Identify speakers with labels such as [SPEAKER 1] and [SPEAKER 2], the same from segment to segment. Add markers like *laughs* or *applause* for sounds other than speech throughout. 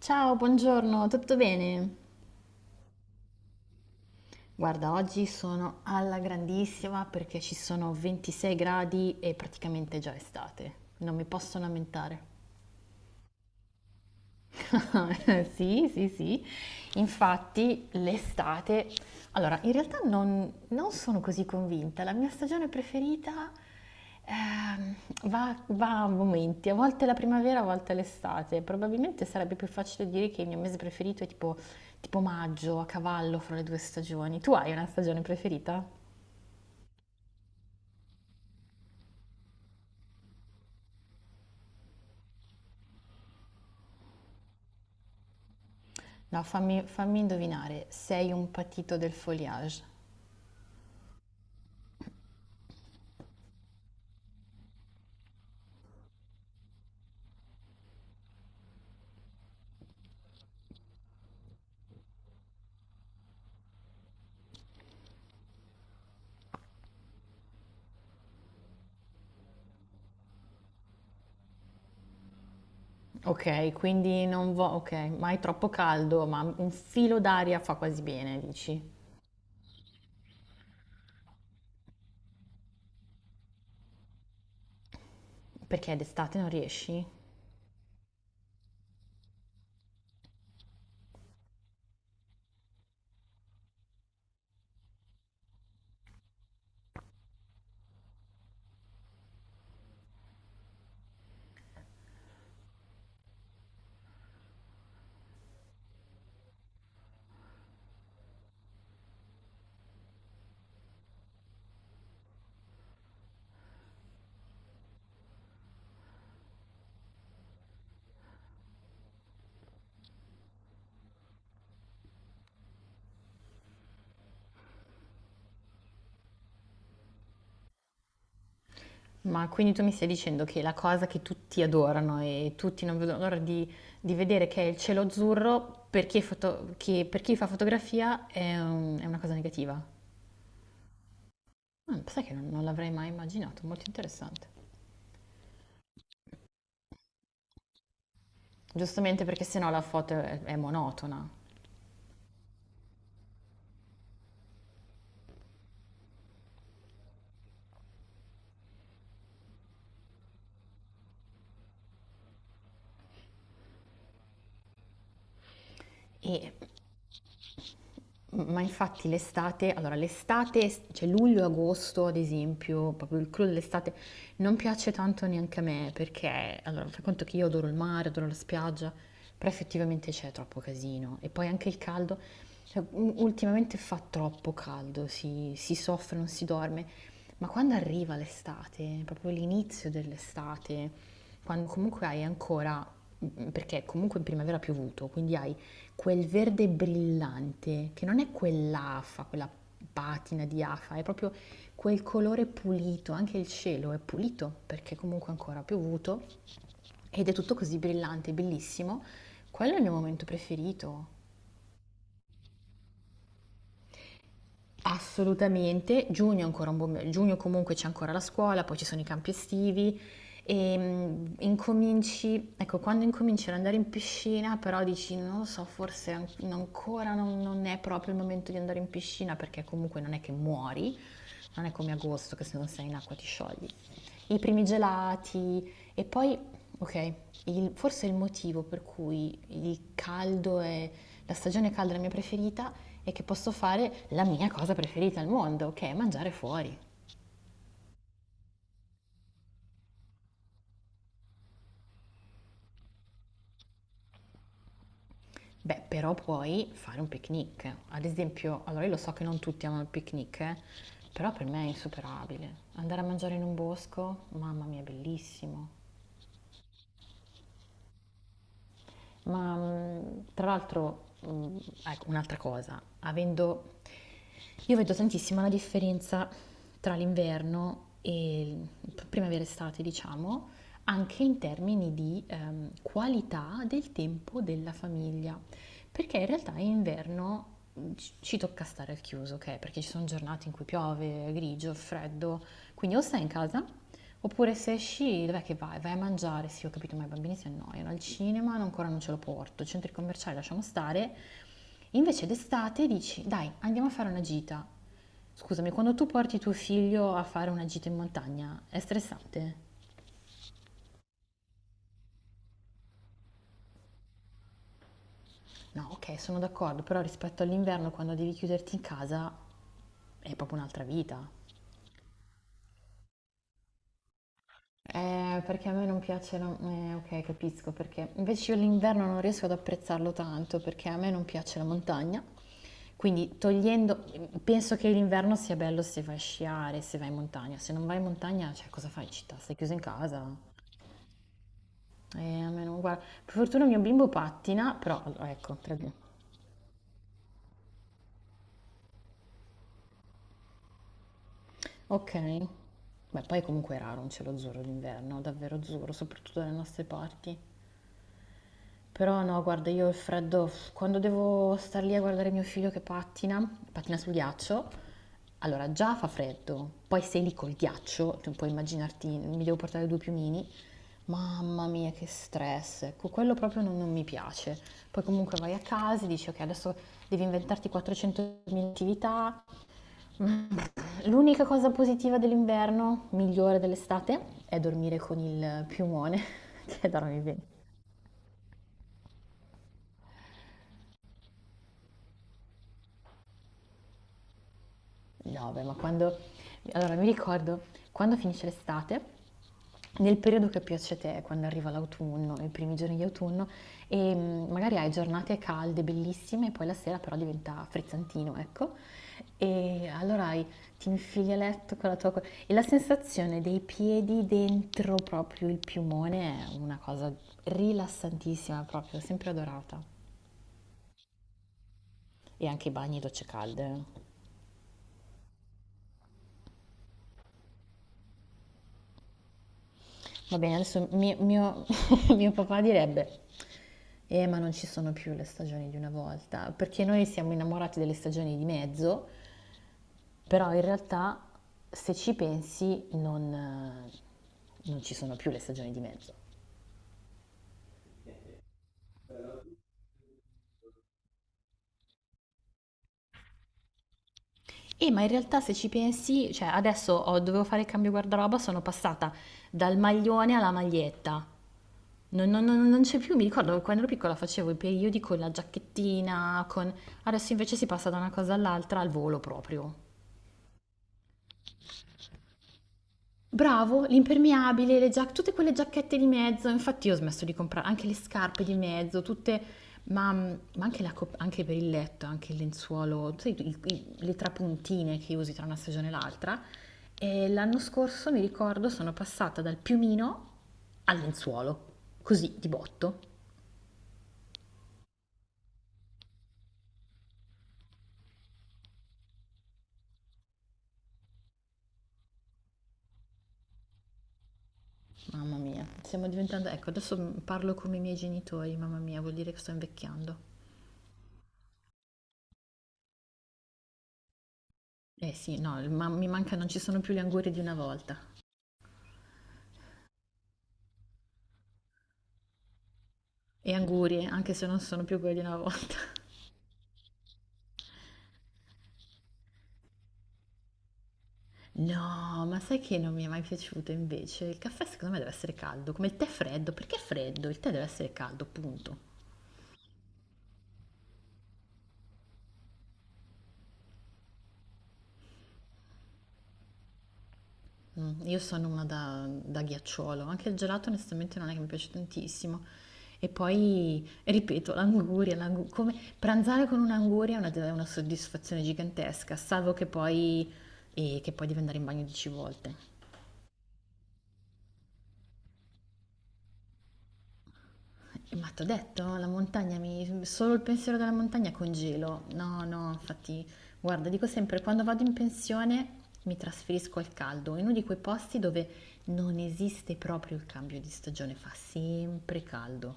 [SPEAKER 1] Ciao, buongiorno, tutto bene? Guarda, oggi sono alla grandissima perché ci sono 26 gradi e praticamente è già estate. Non mi posso lamentare. *laughs* Sì, sì, sì. Infatti l'estate allora, in realtà non sono così convinta. La mia stagione preferita, ehm, va a momenti, a volte è la primavera, a volte è l'estate. Probabilmente sarebbe più facile dire che il mio mese preferito è tipo maggio, a cavallo fra le 2 stagioni. Tu hai una stagione preferita? No, fammi indovinare, sei un patito del foliage. Okay, quindi non vo okay, ma è troppo caldo, ma un filo d'aria fa quasi bene, dici? Perché d'estate non riesci? Ma quindi tu mi stai dicendo che la cosa che tutti adorano e tutti non vedono l'ora di vedere che è il cielo azzurro, per chi, è foto- che per chi fa fotografia è, un- è una cosa negativa? Ah, sai che non l'avrei mai immaginato, molto interessante. Giustamente perché sennò la foto è monotona. E Ma infatti l'estate, allora l'estate, cioè luglio e agosto ad esempio, proprio il clou dell'estate, non piace tanto neanche a me perché, allora, fai conto che io adoro il mare, adoro la spiaggia, però effettivamente c'è troppo casino e poi anche il caldo, cioè, u- ultimamente fa troppo caldo, si soffre, non si dorme, ma quando arriva l'estate, proprio l'inizio dell'estate, quando comunque hai ancora, perché comunque in primavera ha piovuto, quindi hai quel verde brillante, che non è quell'afa, quella patina di afa, è proprio quel colore pulito, anche il cielo è pulito perché comunque ancora ha piovuto ed è tutto così brillante, bellissimo. Quello è il mio momento preferito. Assolutamente, giugno è ancora un buon me- giugno comunque c'è ancora la scuola, poi ci sono i campi estivi e mm, incominci, ecco, quando incominci ad andare in piscina, però dici non lo so, forse an- ancora non è proprio il momento di andare in piscina perché comunque non è che muori, non è come agosto che se non sei in acqua ti sciogli i primi gelati e poi, ok, il- forse il motivo per cui il caldo è la stagione calda è la mia preferita è che posso fare la mia cosa preferita al mondo, che è mangiare fuori. Beh, però puoi fare un picnic. Ad esempio, allora io lo so che non tutti amano il picnic, però per me è insuperabile. Andare a mangiare in un bosco, mamma mia, è bellissimo. Ma tra l'altro, ecco, un'altra cosa, avendo... Io vedo tantissimo la differenza tra l'inverno e il- primavera estate, diciamo, anche in termini di qualità del tempo della famiglia. Perché in realtà in inverno ci tocca stare al chiuso, ok? Perché ci sono giornate in cui piove, è grigio, è freddo, quindi o stai in casa, oppure se esci, dov'è che vai? Vai a mangiare, sì, ho capito, ma i bambini si annoiano, al cinema no, ancora non ce lo porto, i centri commerciali lasciamo stare. Invece d'estate dici, dai, andiamo a fare una gita. Scusami, quando tu porti tuo figlio a fare una gita in montagna, è stressante? No, ok, sono d'accordo, però rispetto all'inverno, quando devi chiuderti in casa, è proprio un'altra vita. Perché a me non piace la ok, capisco perché. Invece io l'inverno non riesco ad apprezzarlo tanto perché a me non piace la montagna. Quindi togliendo, penso che l'inverno sia bello se vai a sciare, se vai in montagna. Se non vai in montagna, cioè cosa fai in città? Stai chiuso in casa? A me non guarda. Per fortuna mio bimbo pattina, però ecco, tra di- Ok. Beh, poi comunque è raro un cielo azzurro d'inverno, davvero azzurro, soprattutto dalle nostre parti. Però no, guarda, io il freddo, quando devo star lì a guardare mio figlio che pattina, pattina sul ghiaccio, allora già fa freddo, poi sei lì col ghiaccio, tu puoi immaginarti, mi devo portare due piumini, mamma mia che stress, ecco, quello proprio non mi piace. Poi comunque vai a casa e dici ok, adesso devi inventarti 400.000 attività. *laughs* L'unica cosa positiva dell'inverno, migliore dell'estate, è dormire con il piumone, *laughs* che dormi bene. No, beh, ma quando... Allora, mi ricordo quando finisce l'estate, nel periodo che piace a te, quando arriva l'autunno, i primi giorni di autunno, e mm, magari hai giornate calde, bellissime, e poi la sera però diventa frizzantino, ecco. E allora hai- ti infili a letto con la tua... co- E la sensazione dei piedi dentro proprio il piumone è una cosa rilassantissima, proprio, sempre adorata. E anche i bagni e docce calde. Va bene, adesso mio- *laughs* mio papà direbbe, *laughs* ma non ci sono più le stagioni di una volta, perché noi siamo innamorati delle stagioni di mezzo, però in realtà se ci pensi non, non ci sono più le stagioni di mezzo. Ma in realtà se ci pensi, cioè adesso ho- dovevo fare il cambio guardaroba, sono passata dal maglione alla maglietta. Non c'è più, mi ricordo quando ero piccola facevo i periodi con la giacchettina, con... Adesso invece si passa da una cosa all'altra al volo proprio. Bravo, l'impermeabile, le giac tutte quelle giacchette di mezzo, infatti io ho smesso di comprare anche le scarpe di mezzo, tutte, ma anche, la cop- anche per il letto, anche il lenzuolo, sai, le trapuntine che usi tra una stagione e l'altra. E l'anno scorso, mi ricordo, sono passata dal piumino al lenzuolo, così di botto. Mamma mia, stiamo diventando... Ecco, adesso parlo come i miei genitori, mamma mia, vuol dire che sto invecchiando. Eh sì, no, ma- mi manca, non ci sono più le angurie di una volta. E angurie, anche se non sono più quelli una volta. *laughs* No, ma sai che non mi è mai piaciuto invece? Il caffè secondo me deve essere caldo, come il tè freddo. Perché è freddo? Il tè deve essere caldo, punto. Mm, io sono una da ghiacciolo, anche il gelato onestamente non è che mi piace tantissimo. E poi, ripeto, l'anguria, l'angu- come pranzare con un'anguria è una soddisfazione gigantesca, salvo che poi, e che poi devi andare in bagno 10 volte. Ma t'ho detto, la montagna mi... solo il pensiero della montagna congelo. No, no, infatti, guarda, dico sempre, quando vado in pensione mi trasferisco al caldo, in uno di quei posti dove non esiste proprio il cambio di stagione, fa sempre caldo.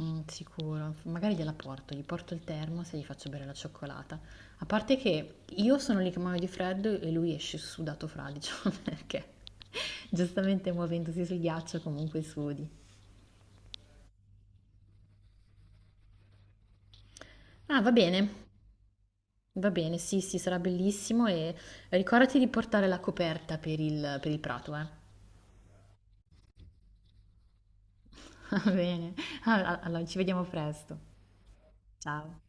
[SPEAKER 1] Mm, sicuro, magari gliela porto, gli porto il termos e gli faccio bere la cioccolata. A parte che io sono lì che muoio di freddo e lui esce sudato fradicio, *laughs* perché giustamente muovendosi sul ghiaccio comunque sudi. Ah, va bene, va bene, sì, sì, sarà bellissimo e ricordati di portare la coperta per il prato, eh. *laughs* Va bene, allora, ci vediamo presto. Ciao.